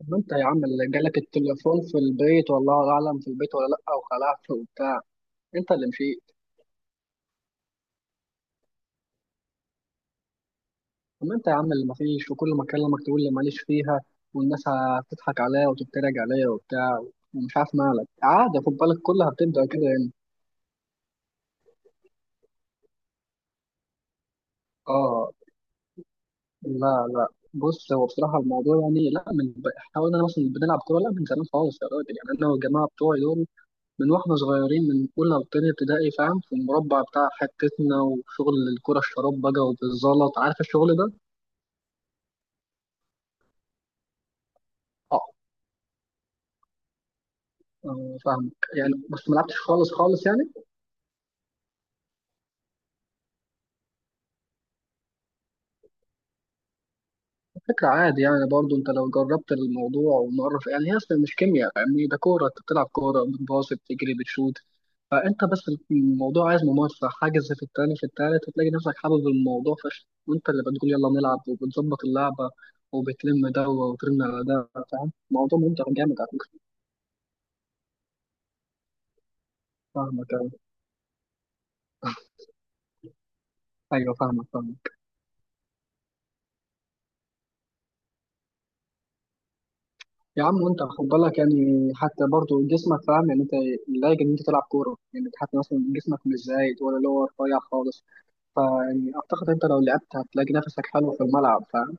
طب انت يا عم اللي جالك التليفون في البيت، والله اعلم في البيت ولا لا، وخلعت وبتاع. انت اللي مشيت. طب انت يا عم اللي مفيش، وكل ما اكلمك تقول لي ماليش فيها. والناس هتضحك عليا وتتريق عليا وبتاع. ومش عارف مالك. عادي، خد بالك، كلها بتبدا كده يعني. اه. لا لا. بص، هو بصراحه الموضوع يعني لا من احنا قلنا مثلا بنلعب كوره لا من زمان خالص يا راجل. يعني انا والجماعه بتوعي دول من واحنا صغيرين من أولى وتانية ابتدائي، فاهم، في المربع بتاع حتتنا، وشغل الكرة الشراب بقى وبالزلط، عارف الشغل ده؟ اه. آه، فاهمك يعني، بس ما لعبتش خالص خالص يعني. فكرة عادي يعني. برضو انت لو جربت الموضوع ومرة يعني هي اصلا مش كيمياء، فاهمني؟ ده كورة، انت بتلعب كورة، بتباصي، بتجري، بتشوت. فانت بس الموضوع عايز ممارسة. حاجز في التاني في التالت هتلاقي نفسك حابب الموضوع فشخ، وانت اللي بتقول يلا نلعب وبتظبط اللعبة. وبتلم ده وترن على ده. فاهم، الموضوع ممتع جامد على فكرة. فاهمك، ايوه، فاهمك، فاهمك. يا عم، وانت خد بالك يعني، حتى برضو جسمك، فاهم يعني، انت لايق ان انت تلعب كوره. يعني حتى مثلا جسمك مش زايد ولا اللي هو رفيع خالص. فيعني اعتقد انت لو لعبت هتلاقي نفسك حلو في الملعب، فاهم.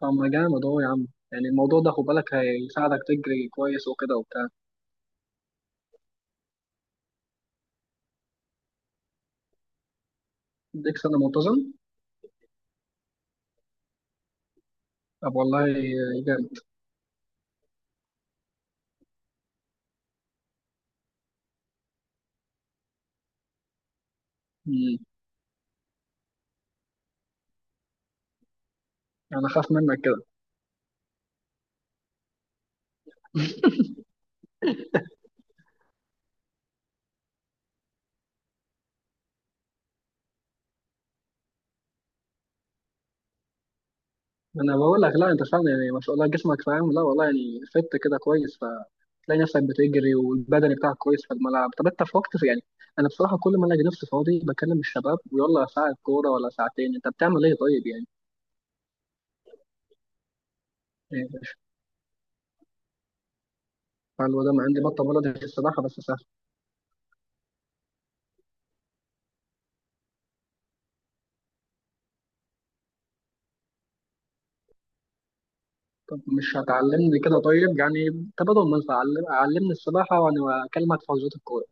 فما جامد اهو يا عم. يعني الموضوع ده خد بالك هيساعدك تجري كويس وكده وبتاع. اديك سنه منتظم. طب والله جامد. مم. انا خاف منك كده. انا بقول لك لا انت فعلا يعني ما شاء الله جسمك فاهم. لا والله يعني فت كده كويس، فتلاقي نفسك بتجري والبدني بتاعك كويس في الملعب. طب انت في وقت يعني. انا بصراحه كل ما الاقي نفسي فاضي بكلم الشباب ويلا ساعه كوره ولا ساعتين. انت بتعمل ايه طيب يعني؟ إيه يا باشا؟ قالوا ده ما عندي بطه بلدي في السباحه بس سهل. طب مش هتعلمني كده طيب يعني؟ تبادل منفعه، علمني السباحه وانا اكلمك في حجوزات الكوره.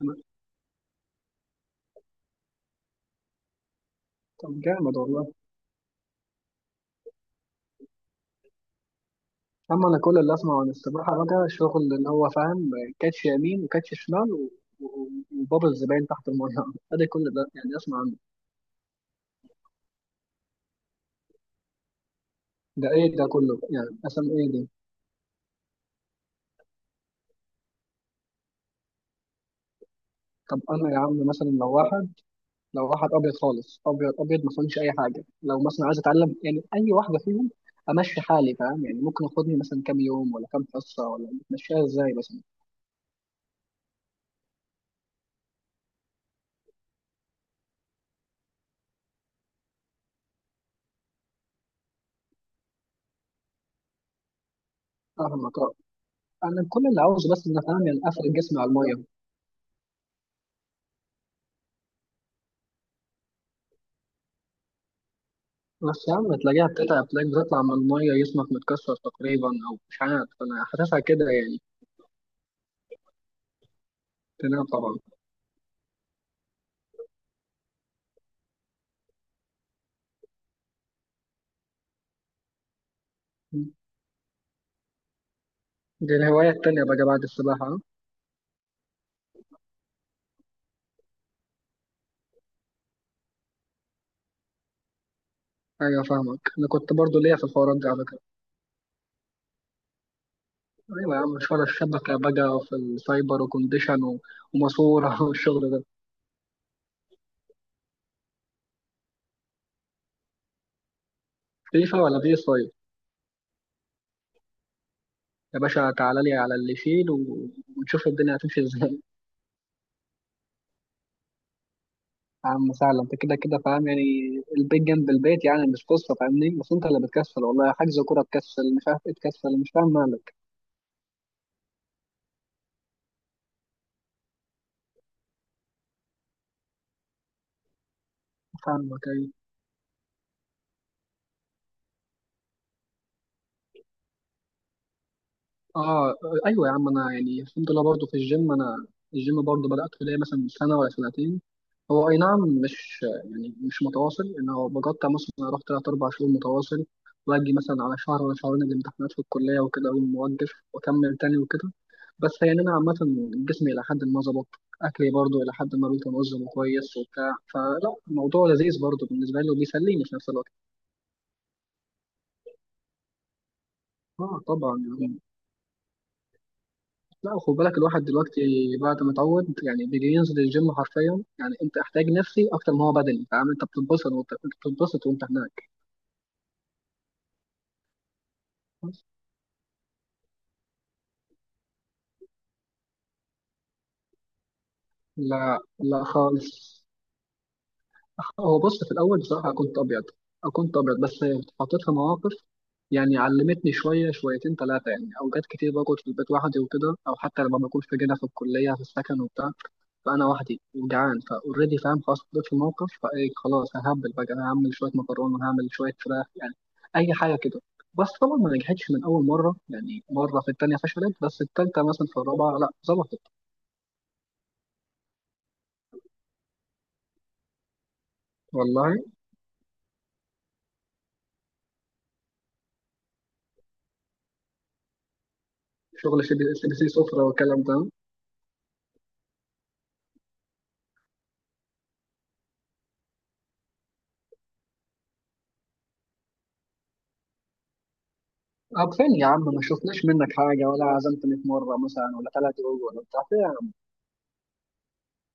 تمام. طب جامد والله. اما انا كل اللي اسمعه عن السباحه بقى شغل اللي هو فاهم، كاتش يمين وكاتش شمال و- وبابا الزباين تحت الميه ادي كل ده يعني اسمع عنه. ده ايه ده كله يعني؟ اسم ايه ده؟ طب انا يا عم مثلا لو واحد ابيض خالص ابيض ابيض ما فهمش اي حاجه، لو مثلا عايز اتعلم يعني اي واحده فيهم. امشي حالي، فاهم يعني؟ ممكن اخدني مثلا كام يوم ولا كام حصه، ولا بتمشيها ازاي مثلا؟ فاهمك، آه. انا كل اللي عاوزه بس ان أنا فاهم يعني افرد جسمي على الميه. بس يا عم تلاقيها بتتعب، تلاقيك بتطلع من المية جسمك متكسر تقريبا، أو مش عارف، أنا حاسسها كده يعني. تنام طبعا. دي الهواية التانية بقى بعد السباحة. أيوة، فاهمك، أنا كنت برضو ليا في الحوارات دي على فكرة. أيوة يا عم، مش ولا الشبكة بقى في السايبر وكونديشن وماسورة والشغل ده. فيفا ولا بي سايب؟ يا باشا تعالى لي على اللي يشيل ونشوف الدنيا هتمشي ازاي يا عم سهلة، انت كده كده فاهم يعني، البيت جنب البيت يعني، مش قصة فاهمني. بس انت اللي بتكسل والله، حجز كورة تكسل، مش عارف ايه تكسل، مش فاهم مالك. فاهمك، ايوه، اه. ايوه يا عم، انا يعني الحمد لله برضه في الجيم انا. الجيم برضه بدأته ليا مثلا سنة ولا سنتين. هو اي نعم، مش يعني مش متواصل، ان هو بقطع مثلا. اروح تلات اربع شهور متواصل، واجي مثلا على شهر ولا شهرين الامتحانات في الكلية وكده، اقوم موقف واكمل تاني وكده. بس يعني انا عامة جسمي الى حد ما ظبط. اكلي برضه الى حد ما بيتنظم كويس وبتاع، فلا الموضوع لذيذ برضه بالنسبة لي وبيسليني في نفس الوقت. اه طبعا. لا خد بالك الواحد دلوقتي بعد ما اتعود يعني بيجي ينزل الجيم حرفيا. يعني انت احتاج نفسي اكتر ما هو بدني، فاهم، انت بتتبسط وانت بتتبسط وانت هناك. لا لا خالص. هو بص في الاول بصراحه كنت ابيض بس اتحطيت في مواقف. يعني علمتني شويه، شويتين ثلاثه يعني، اوقات كتير بقعد في البيت لوحدي وكده، او حتى لما بكون في جنة في الكليه في السكن وبتاع. فانا وحدي وجعان فاوريدي فاهم، خلاص اتحطيت في الموقف. فايه، خلاص ههبل بقى، انا هعمل شويه مكرونه، هعمل شويه فراخ يعني، اي حاجه كده. بس طبعا ما نجحتش من اول مره يعني، مره في الثانيه فشلت، بس الثالثه مثلا في الرابعه لا ظبطت. والله شغل سي بي سي، بي سي سفره، والكلام ده. طب فين يا عم؟ ما شفناش منك حاجه ولا عزمتني في مره مثلا ولا ثلاثه يوم، ولا بتاع، فين يا عم؟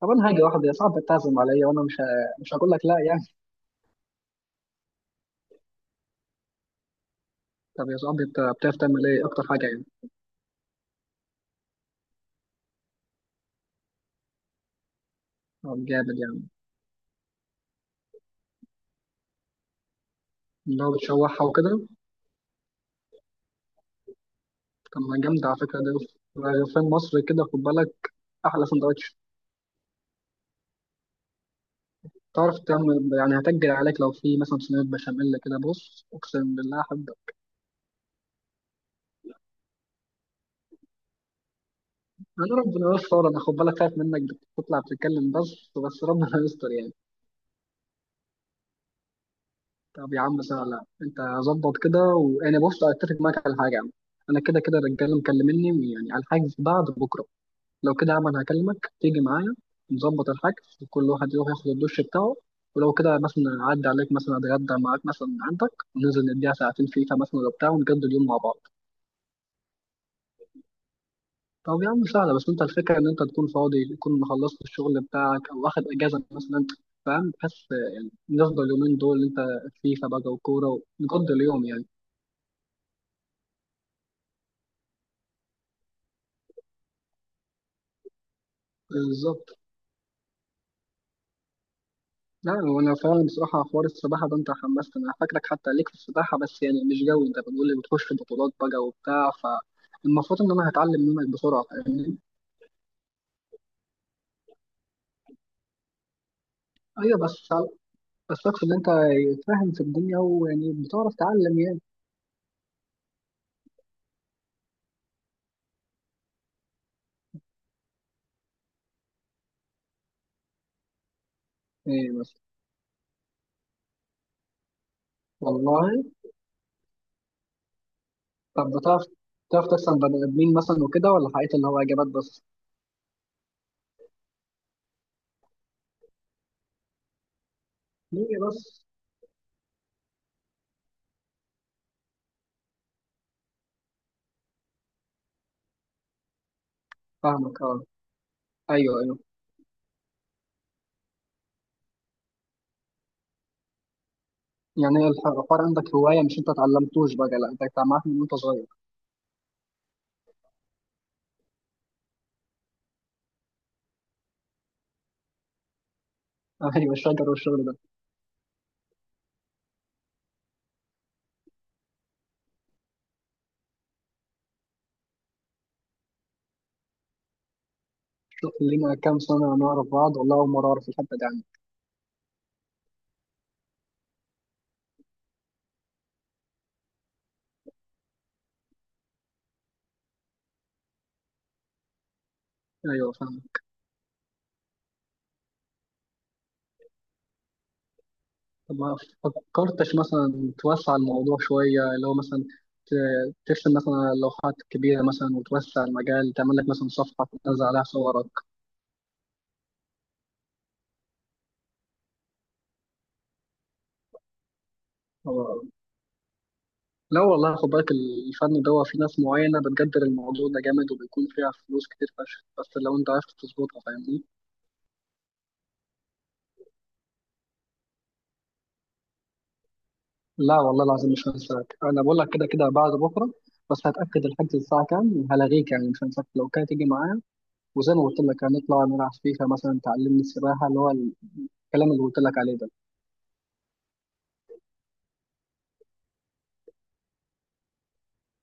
طب انا هاجي واحده يا صاحبي تعزم عليا وانا مش هقول لك لا يعني. طب يا صاحبي، انت بتعرف تعمل ايه اكتر حاجه يعني؟ طب جامد يعني. اللي هو بتشوحها وكده. طب ما جامد على فكرة ده، رغيفين مصر كده خد بالك، أحلى سندوتش. تعرف تعمل يعني، هتجري عليك لو في مثلا صينية بشاميل كده، بص أقسم بالله أحب. أنا ربنا يستر، أنا خد بالك خايف منك، بتطلع بتتكلم بس، بس ربنا يستر يعني. طب يا عم سهلة، أنت ظبط كده وأنا بص، أتفق معاك على حاجة يا عم. أنا كده كده الرجالة مكلمني يعني على الحاجز بعد بكرة. لو كده يا عم انا هكلمك تيجي معايا، نظبط الحجز وكل واحد يروح ياخد الدش بتاعه. ولو كده مثلا اعدي عليك مثلا اتغدى معاك مثلا عندك، وننزل نديها ساعتين فيفا مثلا ولا بتاع ونجدد اليوم مع بعض. طب يا عم سهله، بس انت الفكره ان انت تكون فاضي، تكون خلصت الشغل بتاعك او واخد اجازه مثلا، فاهم؟ بحس يعني نفضل اليومين دول انت، فيفا بقى وكوره ونقضي اليوم يعني. بالظبط. لا هو انا فعلا بصراحه حوار السباحه ده انت حمستني، انا فاكرك حتى ليك في السباحه، بس يعني مش جوي. انت بتقول لي بتخش في بطولات بقى وبتاع، فالمفروض ان انا هتعلم منك بسرعه، فاهمني. ايوه، بس اقصد ان انت فاهم في الدنيا ويعني بتعرف تعلم يعني. ايه بس والله. طب بتعرف تحسن بني ادمين مثلا وكده، ولا حقيقة اللي هو اجابات بس؟ ليه بس. فاهمك، اه، ايوه، ايوه. يعني الحوار عندك هوايه، مش انت اتعلمتوش بقى، لا انت اتعلمت من وانت صغير. ايوه الشجر والشغل ده. لينا كام سنة نعرف بعض، والله أول مرة أعرف الحبة دي عنك. أيوه فاهم. طب ما فكرتش مثلا توسع الموضوع شوية، اللي هو مثلا ترسم مثلا على لوحات كبيرة مثلا وتوسع المجال، تعمل لك مثلا صفحة تنزل عليها صورك؟ أو... لا والله خد بالك، الفن ده هو في ناس معينة بتقدر الموضوع ده جامد وبيكون فيها فلوس كتير فشخ، بس لو أنت عرفت تظبطها فاهمني. لا والله العظيم مش هنساك، أنا بقول لك كده كده بعد بكرة. بس هتأكد الحجز الساعة كام وهلغيك يعني، مش هنساك، لو كده تيجي معايا، وزي ما قلت لك هنطلع نلعب فيفا مثلا، تعلمني السباحة، اللي هو الكلام اللي قلت لك عليه ده.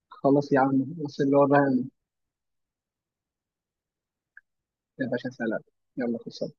خلاص يا عم، بس اللي هو بقى. يا باشا سلام. يلا خلصنا.